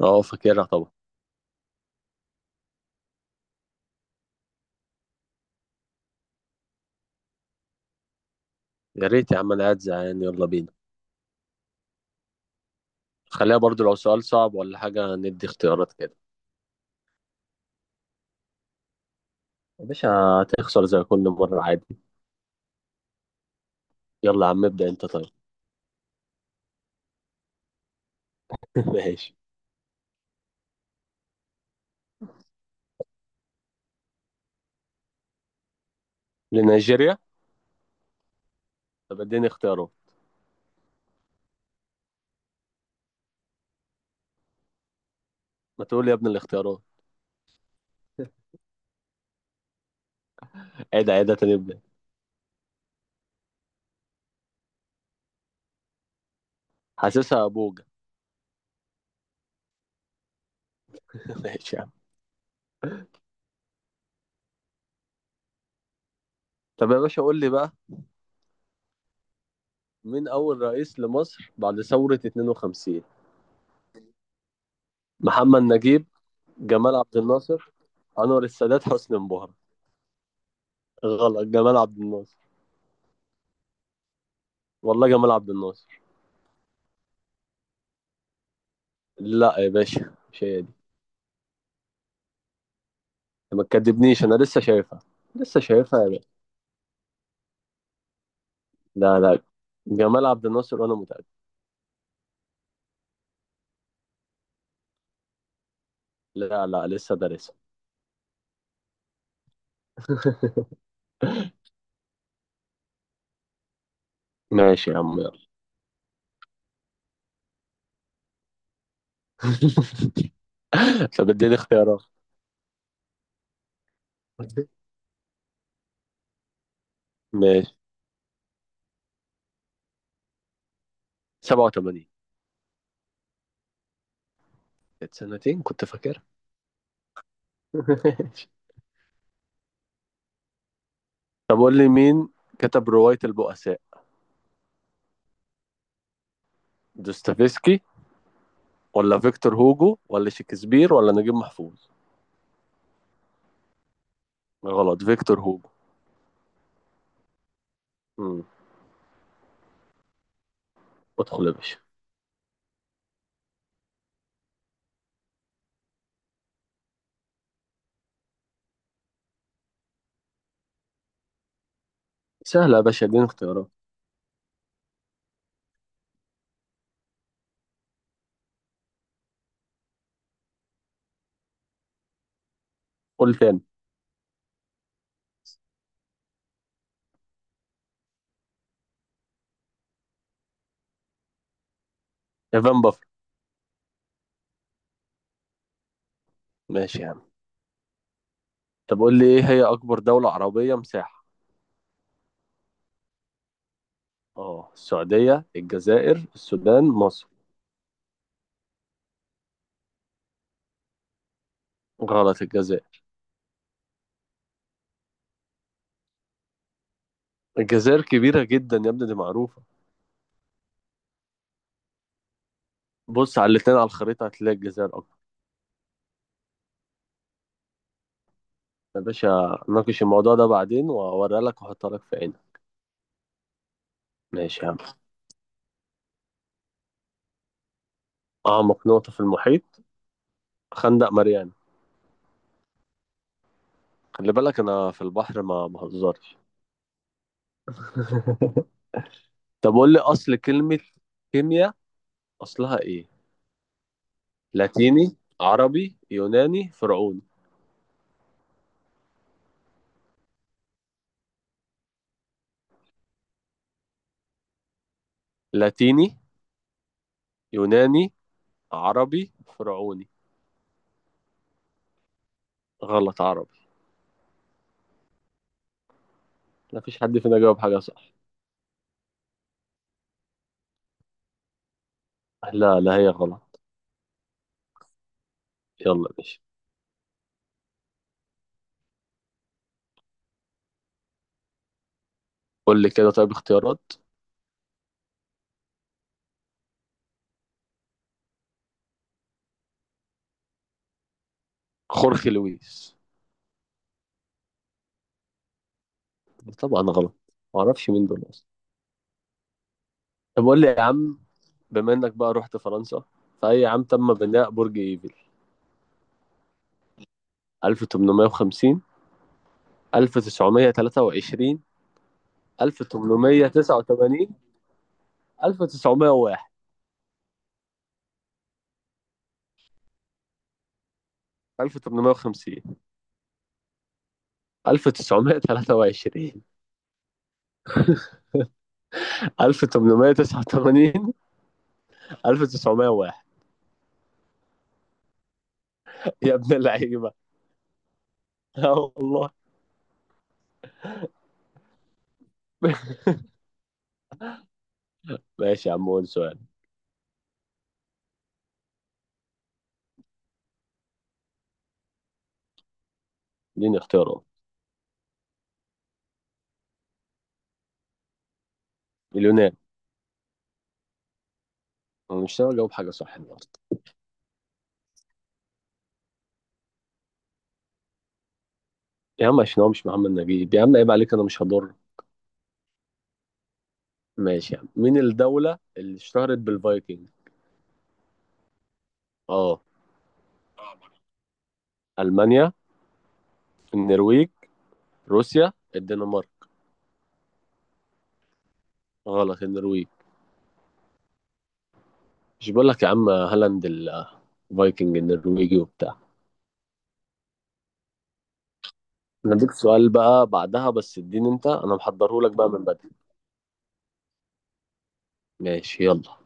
اه، فاكرها طبعا. يا ريت يا عم، انا قاعد زهقان، يلا بينا. خليها برضو، لو سؤال صعب ولا حاجة ندي اختيارات كده. يا باشا، هتخسر زي كل مرة عادي. يلا يا عم، ابدأ انت طيب. ماشي. لنيجيريا؟ طب اديني اختيارات. ما تقول لي يا ابني الاختيارات. عيد، عيد تاني، ابدا. حاسسها ابوجا. ماشي يا عم. طب يا باشا، قول لي بقى، مين أول رئيس لمصر بعد ثورة 52؟ محمد نجيب، جمال عبد الناصر، أنور السادات، حسني مبارك. غلط، جمال عبد الناصر. والله جمال عبد الناصر. لا يا باشا، مش هي دي. ما تكدبنيش، انا لسه شايفها. لسه شايفها يا باشا. لا، لا، جمال عبد الناصر وانا متأكد. لا، لا، لسه دارسها. ماشي يا عم يلا. طب اديني اختيارات. ماشي، 87. كانت سنتين كنت فاكرها. ماشي. طب قول لي، مين كتب رواية البؤساء؟ دوستويفسكي ولا فيكتور هوجو ولا شكسبير ولا نجيب محفوظ؟ غلط، فيكتور هوجو. امم ادخل يا باشا. سهلة يا باشا، اديني اختيارات. قول تاني. ايفان بافر. ماشي يا عم. طب قول لي، ايه هي اكبر دولة عربية مساحة؟ اه، السعودية، الجزائر، السودان، مصر. غلط، الجزائر. الجزائر كبيرة جدا يا ابني، دي معروفة. بص على الاتنين على الخريطة هتلاقي الجزائر اكبر. يا باشا ناقش الموضوع ده بعدين، واوريها لك واحطها لك في عينك. ماشي يا عم. اعمق نقطة في المحيط. خندق ماريانا. خلي بالك، انا في البحر ما بهزرش. طب قول لي، اصل كلمة كيمياء، اصلها ايه؟ لاتيني، عربي، يوناني، فرعوني؟ لاتيني، يوناني، عربي، فرعوني. غلط، عربي. لا فيش حد فينا جاوب حاجة صح. لا، لا، هي غلط. يلا يا باشا. قول لي كده طيب، اختيارات. خورخي لويس. طبعا غلط. معرفش مين دول أصلا. طب قول لي يا عم، بما إنك بقى رحت فرنسا، فأي عام تم بناء برج إيفل؟ 1850، 1923، 1889، 1901. 1850، 1923، 1889، 1901. يا ابن اللعيبه. اه والله. ماشي يا عم، قول سؤال. اديني اختيارات. اليونان. انا مش ناوي اجاوب حاجه صح النهارده. يا عم عشان هو مش محمد نجيب، يا عم عيب عليك، انا مش هضر. ماشي يا عم، مين الدوله اللي اشتهرت بالفايكنج؟ اه، المانيا، النرويج، روسيا، الدنمارك. غلط، النرويج. مش بقول لك يا عم هالاند الفايكنج النرويجي وبتاع. انا اديك سؤال بقى بعدها، بس اديني انت، انا محضره لك بقى من بدري. ماشي يلا.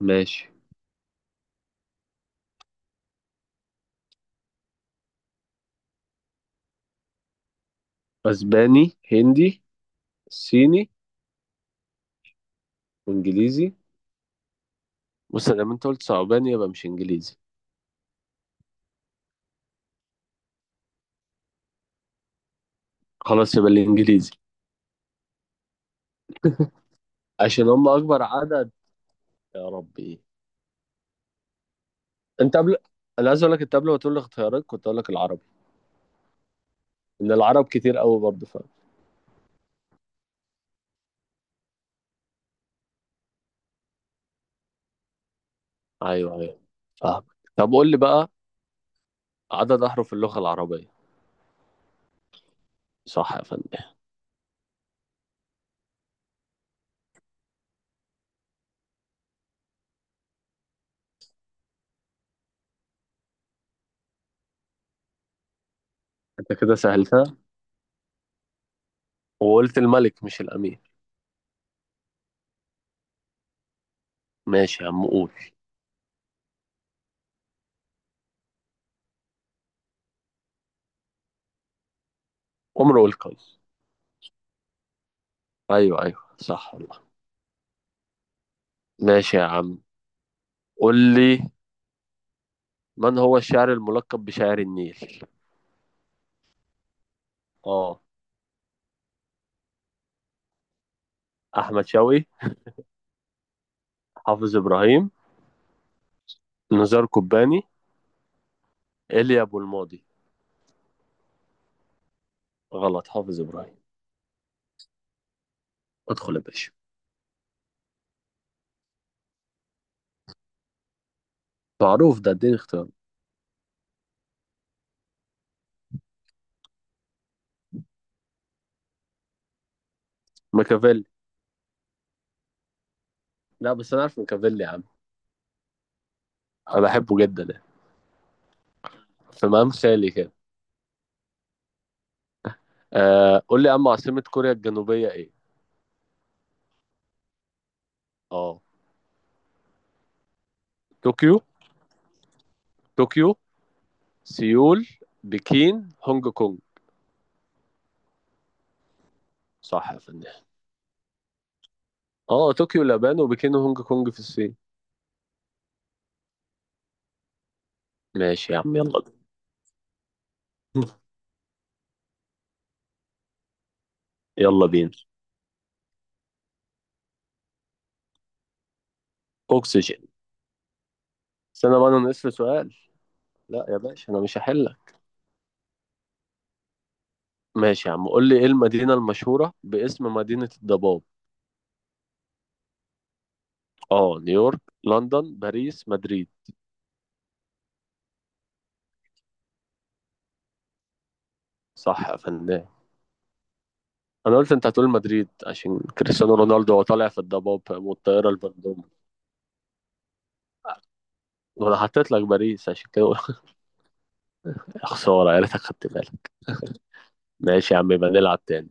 ماشي. اسباني، هندي، صيني، وانجليزي. بص، لما انت قلت صعباني يبقى مش انجليزي. خلاص يبقى الانجليزي. عشان هم اكبر عدد. يا ربي. انت قبل انا عايز اقول لك، انت قبل ما تقول لي اختيارات كنت اقول لك العربي. ان العرب كتير قوي برضه، فاهم. ايوه، ايوه، فاهم. طب قول لي بقى، عدد احرف اللغه العربيه. صح يا فندم. انت كده سهلتها. وقلت الملك مش الامير. ماشي يا عم، قول. امرؤ القيس. ايوه، ايوه، صح والله. ماشي يا عم، قول لي، من هو الشاعر الملقب بشاعر النيل؟ اه، احمد شوقي، حافظ ابراهيم، نزار قباني، ايليا ابو الماضي. غلط، حافظ ابراهيم. ادخل يا باشا. معروف ده، اديني اختيار. ميكافيلي. لا بس انا عارف ميكافيلي يا عم. انا بحبه جدا يعني، في مقام خالي كده. آه، قول لي يا عم، عاصمة كوريا الجنوبية ايه؟ اه، طوكيو، طوكيو، سيول، بكين، هونج كونج. صح يا فندم. اه، طوكيو اليابان، وبكين وهونج كونج في الصين. ماشي يا عم، يلا بينا. يلا بينا. اكسجين. استنى بقى، انا ناقص لي سؤال. لا يا باشا، انا مش هحل. ماشي يا عم، قول لي، ايه المدينة المشهورة باسم مدينة الضباب؟ اه، نيويورك، لندن، باريس، مدريد. صح يا فنان. انا قلت انت هتقول مدريد عشان كريستيانو رونالدو، هو طالع في الضباب والطائرة البندوم. وانا حطيت لك باريس عشان كده، يا خسارة، يا ريتك خدت بالك. ماشي يا عم، يبقى نلعب تاني.